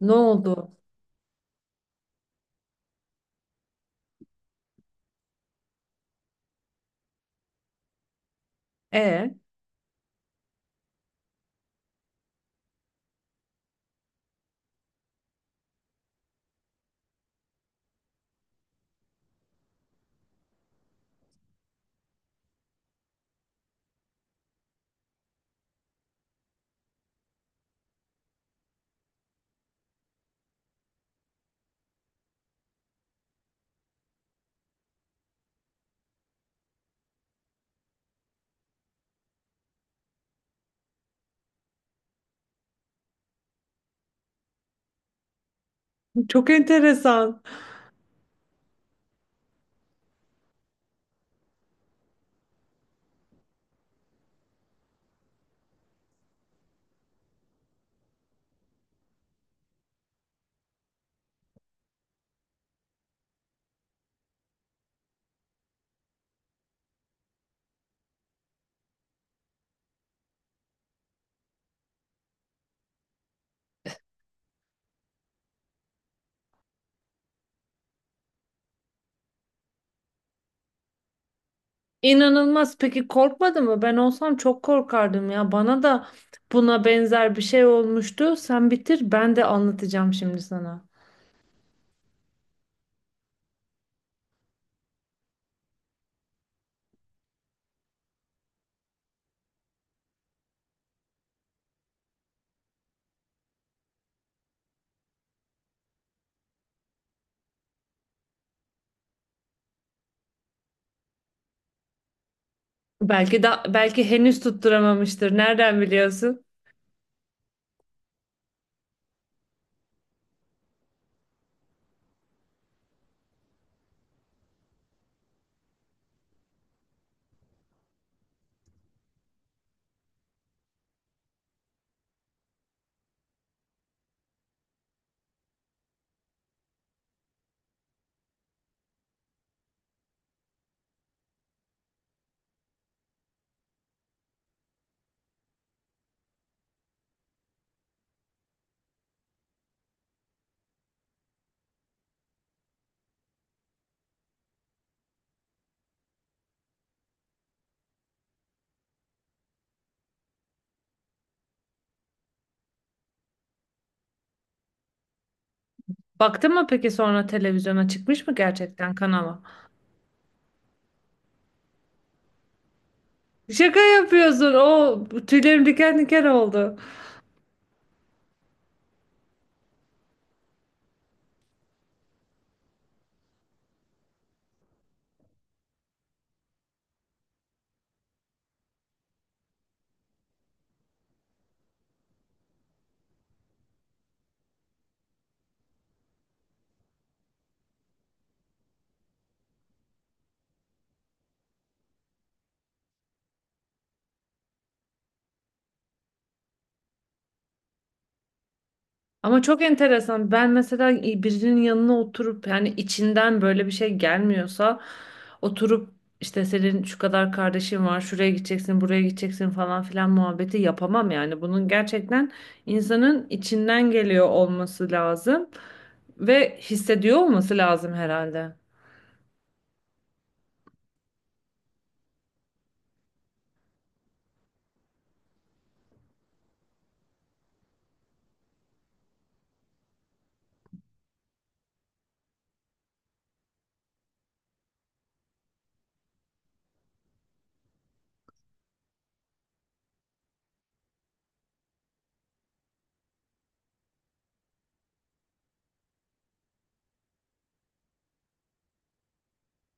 Ne oldu? E, Çok enteresan. İnanılmaz. Peki korkmadı mı? Ben olsam çok korkardım ya. Bana da buna benzer bir şey olmuştu. Sen bitir, ben de anlatacağım şimdi sana. Belki henüz tutturamamıştır. Nereden biliyorsun? Baktın mı peki sonra televizyona çıkmış mı gerçekten kanala? Şaka yapıyorsun. O tüylerim diken diken oldu. Ama çok enteresan. Ben mesela birinin yanına oturup yani içinden böyle bir şey gelmiyorsa oturup işte senin şu kadar kardeşin var, şuraya gideceksin, buraya gideceksin falan filan muhabbeti yapamam yani. Bunun gerçekten insanın içinden geliyor olması lazım ve hissediyor olması lazım herhalde.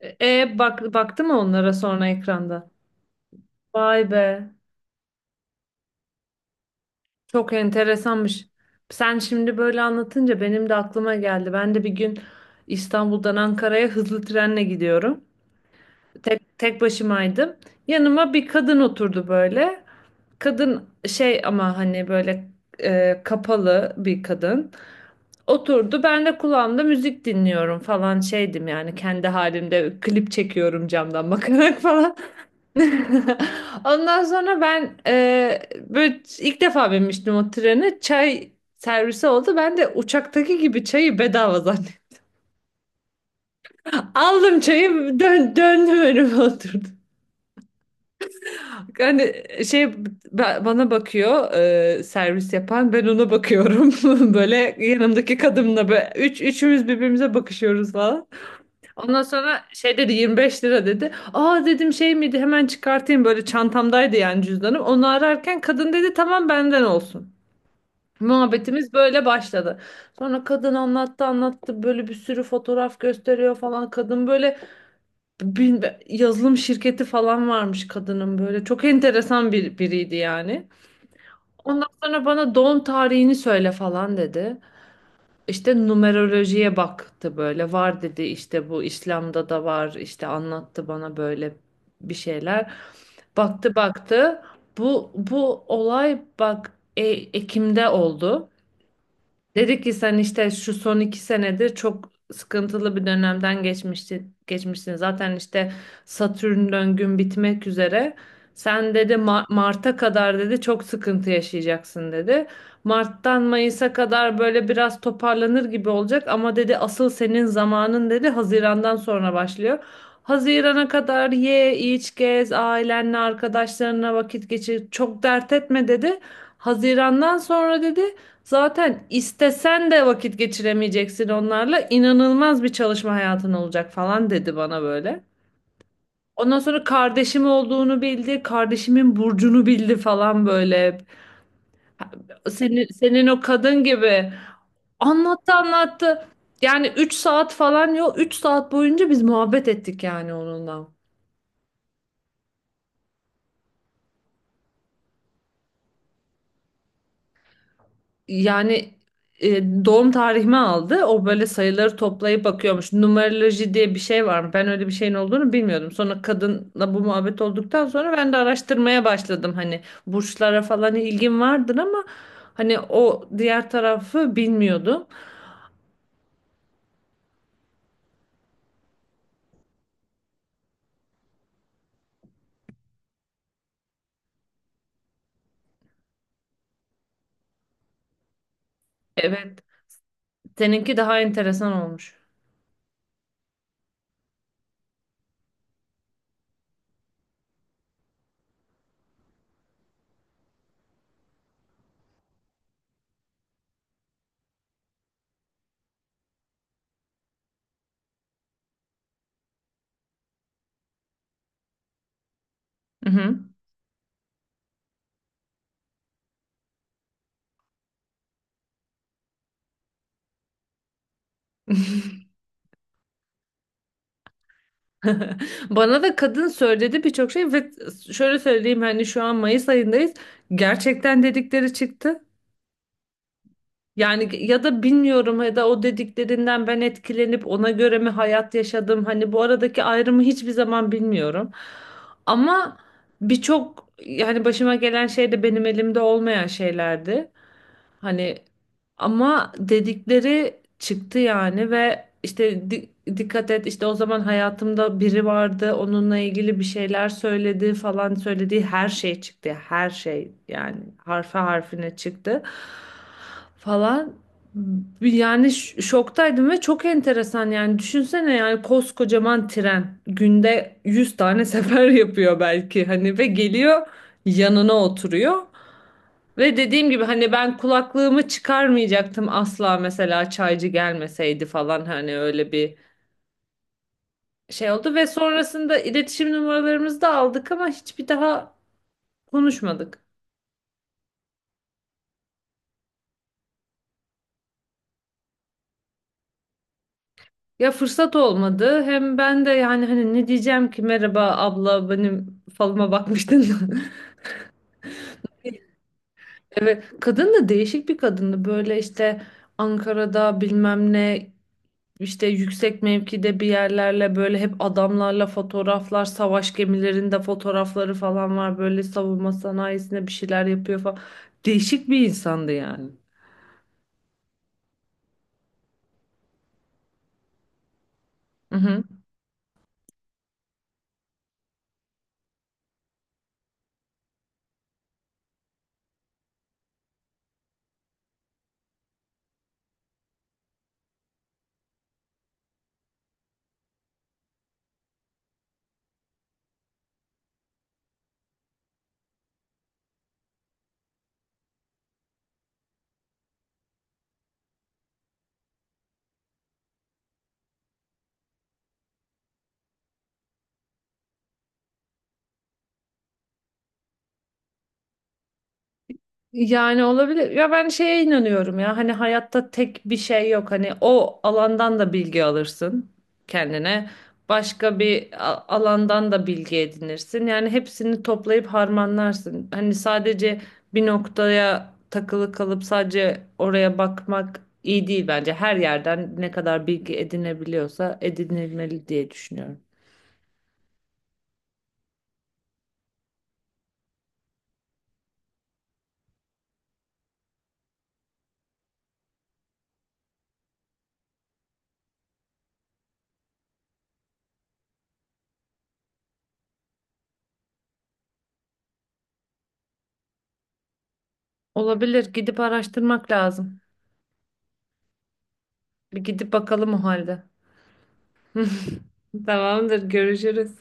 E, bak baktı mı onlara sonra ekranda? Vay be. Çok enteresanmış. Sen şimdi böyle anlatınca benim de aklıma geldi. Ben de bir gün İstanbul'dan Ankara'ya hızlı trenle gidiyorum. Tek başımaydım. Yanıma bir kadın oturdu böyle. Kadın şey ama hani böyle kapalı bir kadın. Oturdu. Ben de kulağımda müzik dinliyorum falan şeydim yani kendi halimde klip çekiyorum camdan bakarak falan. Ondan sonra ben böyle ilk defa binmiştim o trene. Çay servisi oldu. Ben de uçaktaki gibi çayı bedava zannettim. Aldım çayı döndüm önüme oturdum. Hani şey bana bakıyor, servis yapan ben ona bakıyorum. Böyle yanımdaki kadınla böyle üçümüz birbirimize bakışıyoruz falan. Ondan sonra şey dedi 25 lira dedi. Aa dedim şey miydi, hemen çıkartayım, böyle çantamdaydı yani cüzdanım. Onu ararken kadın dedi tamam benden olsun. Muhabbetimiz böyle başladı. Sonra kadın anlattı anlattı, böyle bir sürü fotoğraf gösteriyor falan. Kadın böyle yazılım şirketi falan varmış kadının böyle. Çok enteresan bir biriydi yani. Ondan sonra bana doğum tarihini söyle falan dedi. İşte numerolojiye baktı, böyle var dedi işte, bu İslam'da da var işte, anlattı bana böyle bir şeyler. Baktı baktı, bu olay bak Ekim'de oldu. Dedi ki sen işte şu son 2 senedir çok sıkıntılı bir dönemden geçmişti, geçmişsin. Zaten işte Satürn döngün bitmek üzere. Sen dedi Mart'a kadar dedi çok sıkıntı yaşayacaksın dedi. Mart'tan Mayıs'a kadar böyle biraz toparlanır gibi olacak ama dedi asıl senin zamanın dedi Haziran'dan sonra başlıyor. Hazirana kadar ye, iç, gez, ailenle, arkadaşlarına vakit geçir. Çok dert etme dedi. Hazirandan sonra dedi zaten istesen de vakit geçiremeyeceksin onlarla. İnanılmaz bir çalışma hayatın olacak falan dedi bana böyle. Ondan sonra kardeşim olduğunu bildi, kardeşimin burcunu bildi falan böyle. Senin o kadın gibi. Anlattı anlattı. Yani 3 saat falan yok. 3 saat boyunca biz muhabbet ettik yani onunla. Yani doğum tarihimi aldı. O böyle sayıları toplayıp bakıyormuş. Numeroloji diye bir şey var mı? Ben öyle bir şeyin olduğunu bilmiyordum. Sonra kadınla bu muhabbet olduktan sonra ben de araştırmaya başladım. Hani burçlara falan ilgim vardır ama hani o diğer tarafı bilmiyordum. Evet. Seninki daha enteresan olmuş. Hı hı. Bana da kadın söyledi birçok şey ve şöyle söyleyeyim, hani şu an Mayıs ayındayız. Gerçekten dedikleri çıktı. Yani ya da bilmiyorum, ya da o dediklerinden ben etkilenip ona göre mi hayat yaşadım? Hani bu aradaki ayrımı hiçbir zaman bilmiyorum. Ama birçok yani başıma gelen şey de benim elimde olmayan şeylerdi. Hani ama dedikleri çıktı yani, ve işte dikkat et işte, o zaman hayatımda biri vardı onunla ilgili bir şeyler söyledi falan, söylediği her şey çıktı. Her şey yani harfe harfine çıktı falan. Yani şoktaydım ve çok enteresan yani, düşünsene yani, koskocaman tren günde 100 tane sefer yapıyor belki hani ve geliyor yanına oturuyor. Ve dediğim gibi hani ben kulaklığımı çıkarmayacaktım asla mesela, çaycı gelmeseydi falan, hani öyle bir şey oldu ve sonrasında iletişim numaralarımızı da aldık ama hiçbir daha konuşmadık. Ya fırsat olmadı, hem ben de yani hani ne diyeceğim ki, merhaba abla benim falıma bakmıştın mı? Evet, kadın da değişik bir kadındı böyle işte, Ankara'da bilmem ne, İşte yüksek mevkide bir yerlerle böyle hep adamlarla fotoğraflar, savaş gemilerinde fotoğrafları falan var. Böyle savunma sanayisinde bir şeyler yapıyor falan. Değişik bir insandı yani. Mhm. Yani olabilir. Ya ben şeye inanıyorum ya. Hani hayatta tek bir şey yok. Hani o alandan da bilgi alırsın kendine. Başka bir alandan da bilgi edinirsin. Yani hepsini toplayıp harmanlarsın. Hani sadece bir noktaya takılı kalıp sadece oraya bakmak iyi değil bence. Her yerden ne kadar bilgi edinebiliyorsa edinilmeli diye düşünüyorum. Olabilir. Gidip araştırmak lazım. Bir gidip bakalım o halde. Tamamdır. Görüşürüz.